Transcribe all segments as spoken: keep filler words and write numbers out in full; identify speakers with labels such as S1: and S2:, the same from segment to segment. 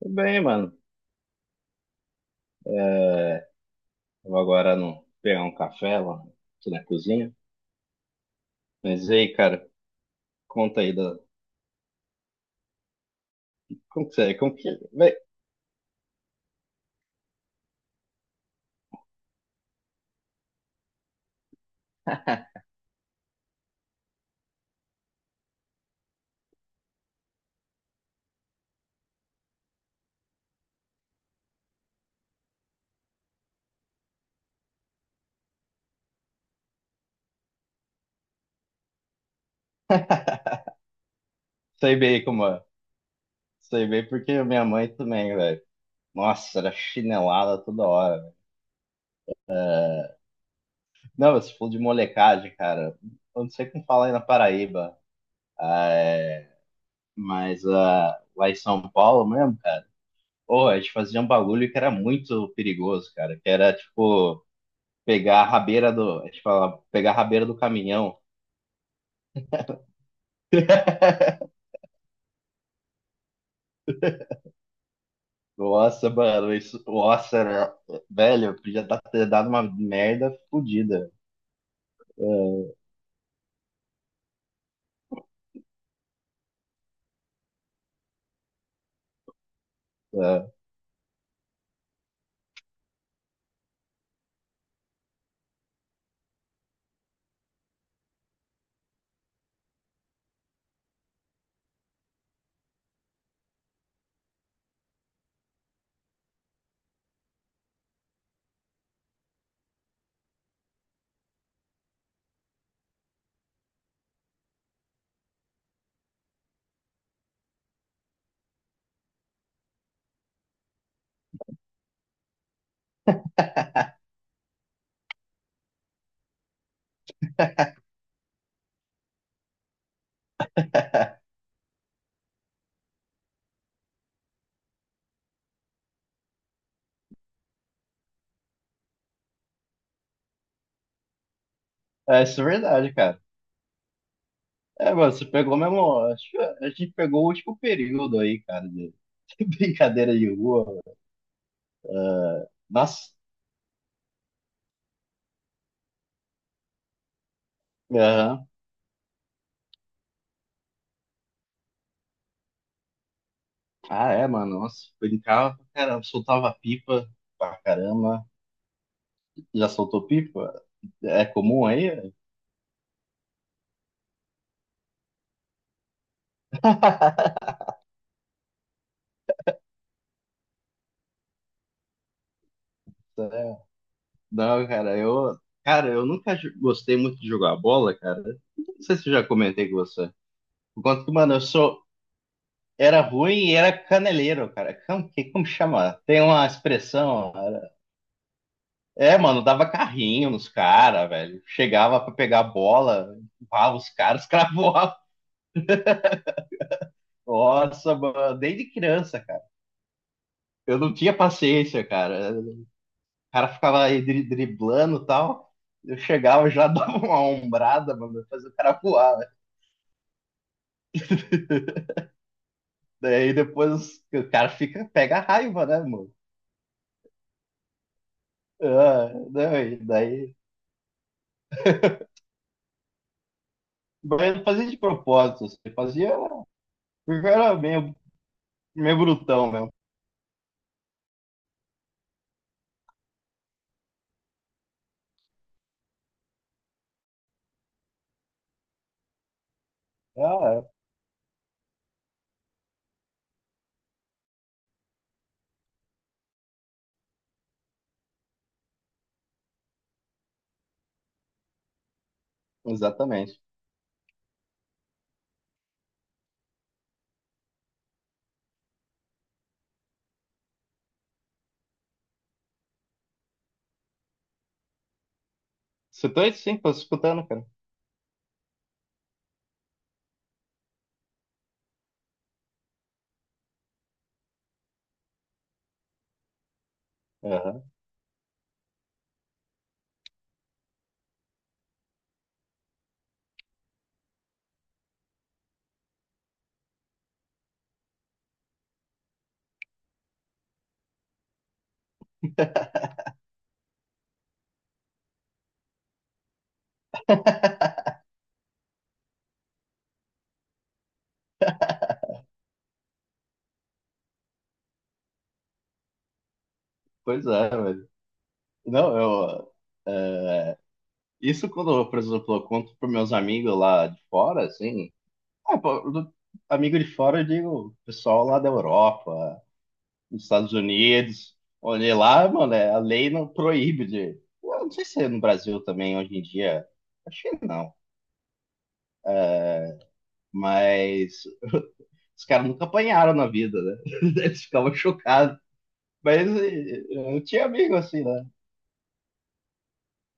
S1: Tudo bem, mano. É, vou agora no, pegar um café lá, aqui na cozinha. Mas e aí, cara, conta aí da. Como que você é? Como que. Bem, sei bem como é. Sei bem porque minha mãe também, velho. Nossa, era chinelada toda hora. Velho. Não, você falou de molecagem, cara. Eu não sei como fala aí na Paraíba. É, mas ah, lá em São Paulo mesmo, cara. Pô, a gente fazia um bagulho que era muito perigoso, cara. Que era tipo. Pegar a rabeira do. A gente fala, pegar a rabeira do caminhão. Nossa, mano, isso. Nossa, né? Velho, podia tá- ter dado uma merda fodida. É, é, é, isso é verdade, cara. É, mano, você pegou mesmo. Acho que a gente pegou o último período aí, cara, de brincadeira de rua. Mano. Nossa. Aham. Ah, é, mano. Nossa, brincava pra caramba, soltava pipa pra caramba. Já soltou pipa? É comum aí? Não, cara, eu, cara, eu nunca ju- gostei muito de jogar bola, cara. Não sei se eu já comentei com você. Por conta que, mano, eu sou, era ruim e era caneleiro, cara. Como, que, como chama? Tem uma expressão. Cara. É, mano, dava carrinho nos caras, velho. Chegava pra pegar a bola, empurrava os caras, cravoava. Nossa, mano, desde criança, cara. Eu não tinha paciência, cara. O cara ficava aí dri- driblando e tal. Eu chegava já dava uma ombrada, mano, fazia o cara voar. Daí depois o cara fica, pega a raiva, né, mano? Ah, não, e daí. Mas eu não fazia de propósito, assim, eu fazia. Porque eu era meio, meio brutão mesmo. Ah, é, exatamente. Você tá aí sim, tô escutando, cara. Aham. Pois é, velho. Não, eu. Isso quando eu, por exemplo, eu conto pros meus amigos lá de fora, assim. Ah, pô, do- amigo de fora, eu digo, pessoal lá da Europa, nos Estados Unidos. Olha lá, mano, é- a lei não proíbe de. Eu não sei se é no Brasil também hoje em dia. Acho que não. Mas os caras nunca apanharam na vida, né? Eles ficavam chocados. Mas eh, eu tinha amigo assim, né?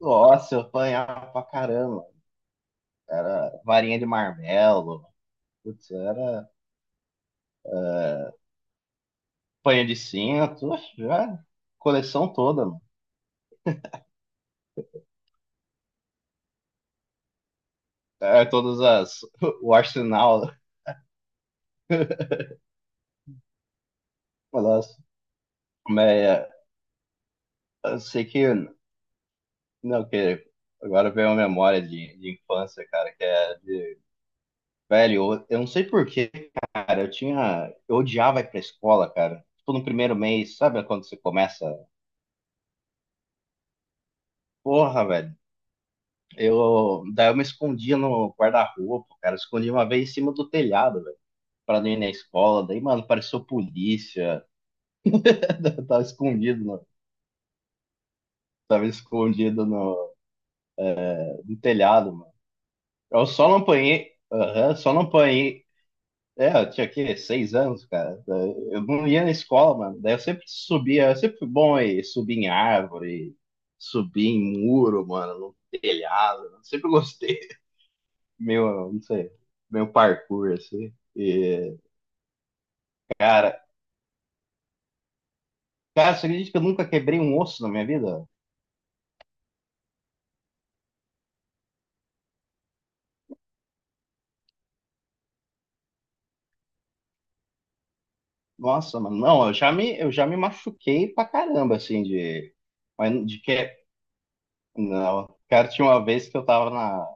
S1: Nossa, eu apanhava pra caramba. Era varinha de marmelo. Putz, era panha de cinto. Oxe, já, coleção toda, mano. É, todas as. O arsenal. Nossa. Mas eh, eu sei que não, que agora veio uma memória de, de infância, cara, que é de... Velho, eu, eu não sei por quê, cara, eu tinha... Eu odiava ir pra escola, cara. Tipo, no primeiro mês, sabe quando você começa? Porra, velho. Eu... Daí eu me escondia no guarda-roupa, cara. Eu escondi uma vez em cima do telhado, velho. Pra não ir na escola. Daí, mano, pareceu polícia. Eu tava escondido, no... Tava escondido no, no telhado, mano. Eu só não apanhei... Aham, só não apanhei é, eu tinha aqui seis anos, cara. Eu não ia na escola, mano. Daí eu sempre subia, eu sempre fui bom aí, subir em árvore, subir em muro, mano, no telhado. Eu sempre gostei. Meu, não sei, meu parkour, assim. E, cara, cara, você acredita que eu nunca quebrei um osso na minha vida? Nossa, mano, não, eu já me, eu já me machuquei pra caramba, assim, de. Mas de que. Não. Cara, tinha uma vez que eu tava na,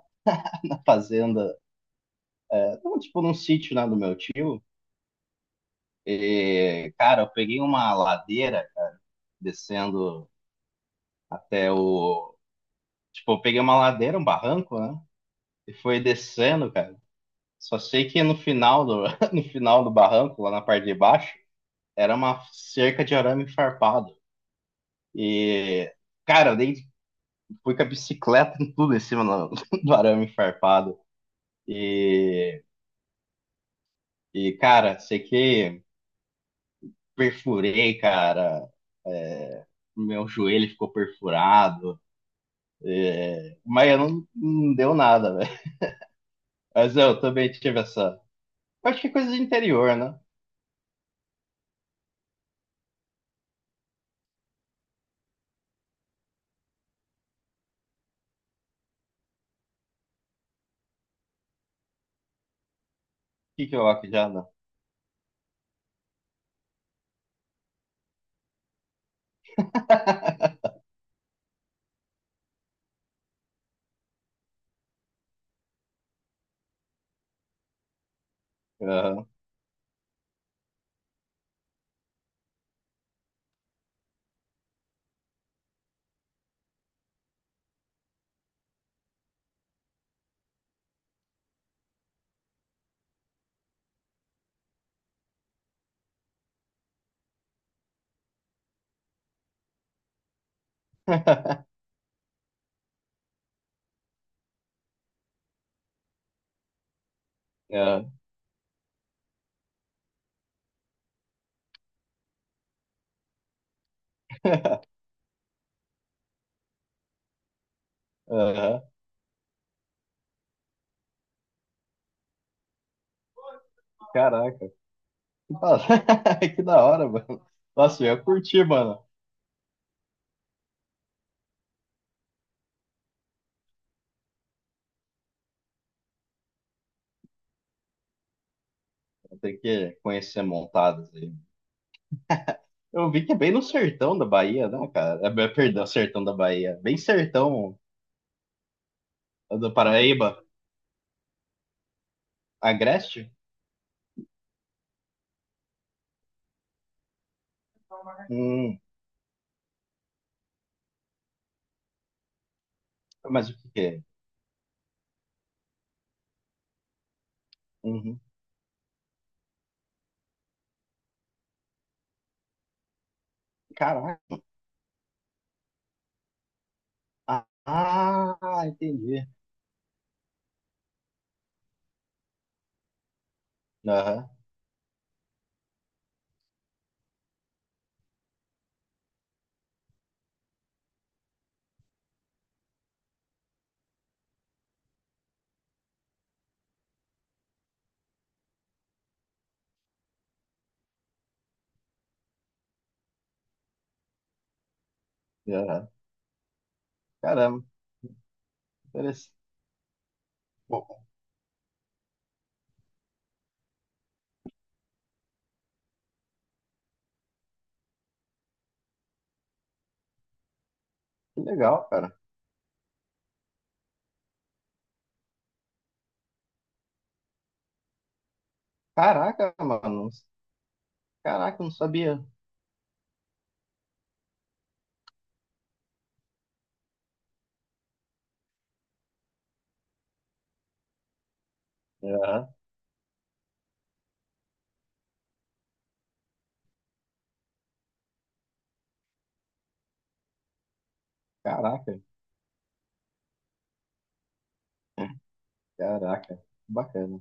S1: na fazenda, tipo num sítio, né, do meu tio. E, cara, eu peguei uma ladeira descendo até o. Tipo, eu peguei uma ladeira, um barranco, né? E foi descendo, cara. Só sei que no final do, no final do barranco, lá na parte de baixo, era uma cerca de arame farpado. E, cara, eu dei, fui com a bicicleta e tudo em cima do, do arame farpado. E, e, cara, sei que perfurei, cara. Meu joelho ficou perfurado. Mas eu não, não deu nada, velho. Mas eu também tive essa. Acho que é coisa de interior, né? Que que eu acho já não. Aham, aham, aham. Caraca, que da... que da hora, mano. Nossa, eu ia curtir, mano. Tem que conhecer montadas aí. Eu vi que é bem no sertão da Bahia, né, cara? É, bem- perdão, sertão da Bahia. Bem sertão do Paraíba. Agreste? Hum, mas o que que é? Uhum. Caraca. Ah, entendi. Aham, aham. Caramba, interessante. Que legal, cara. Caraca, mano. Caraca, eu não sabia. Aham. Caraca, caraca. Bacana.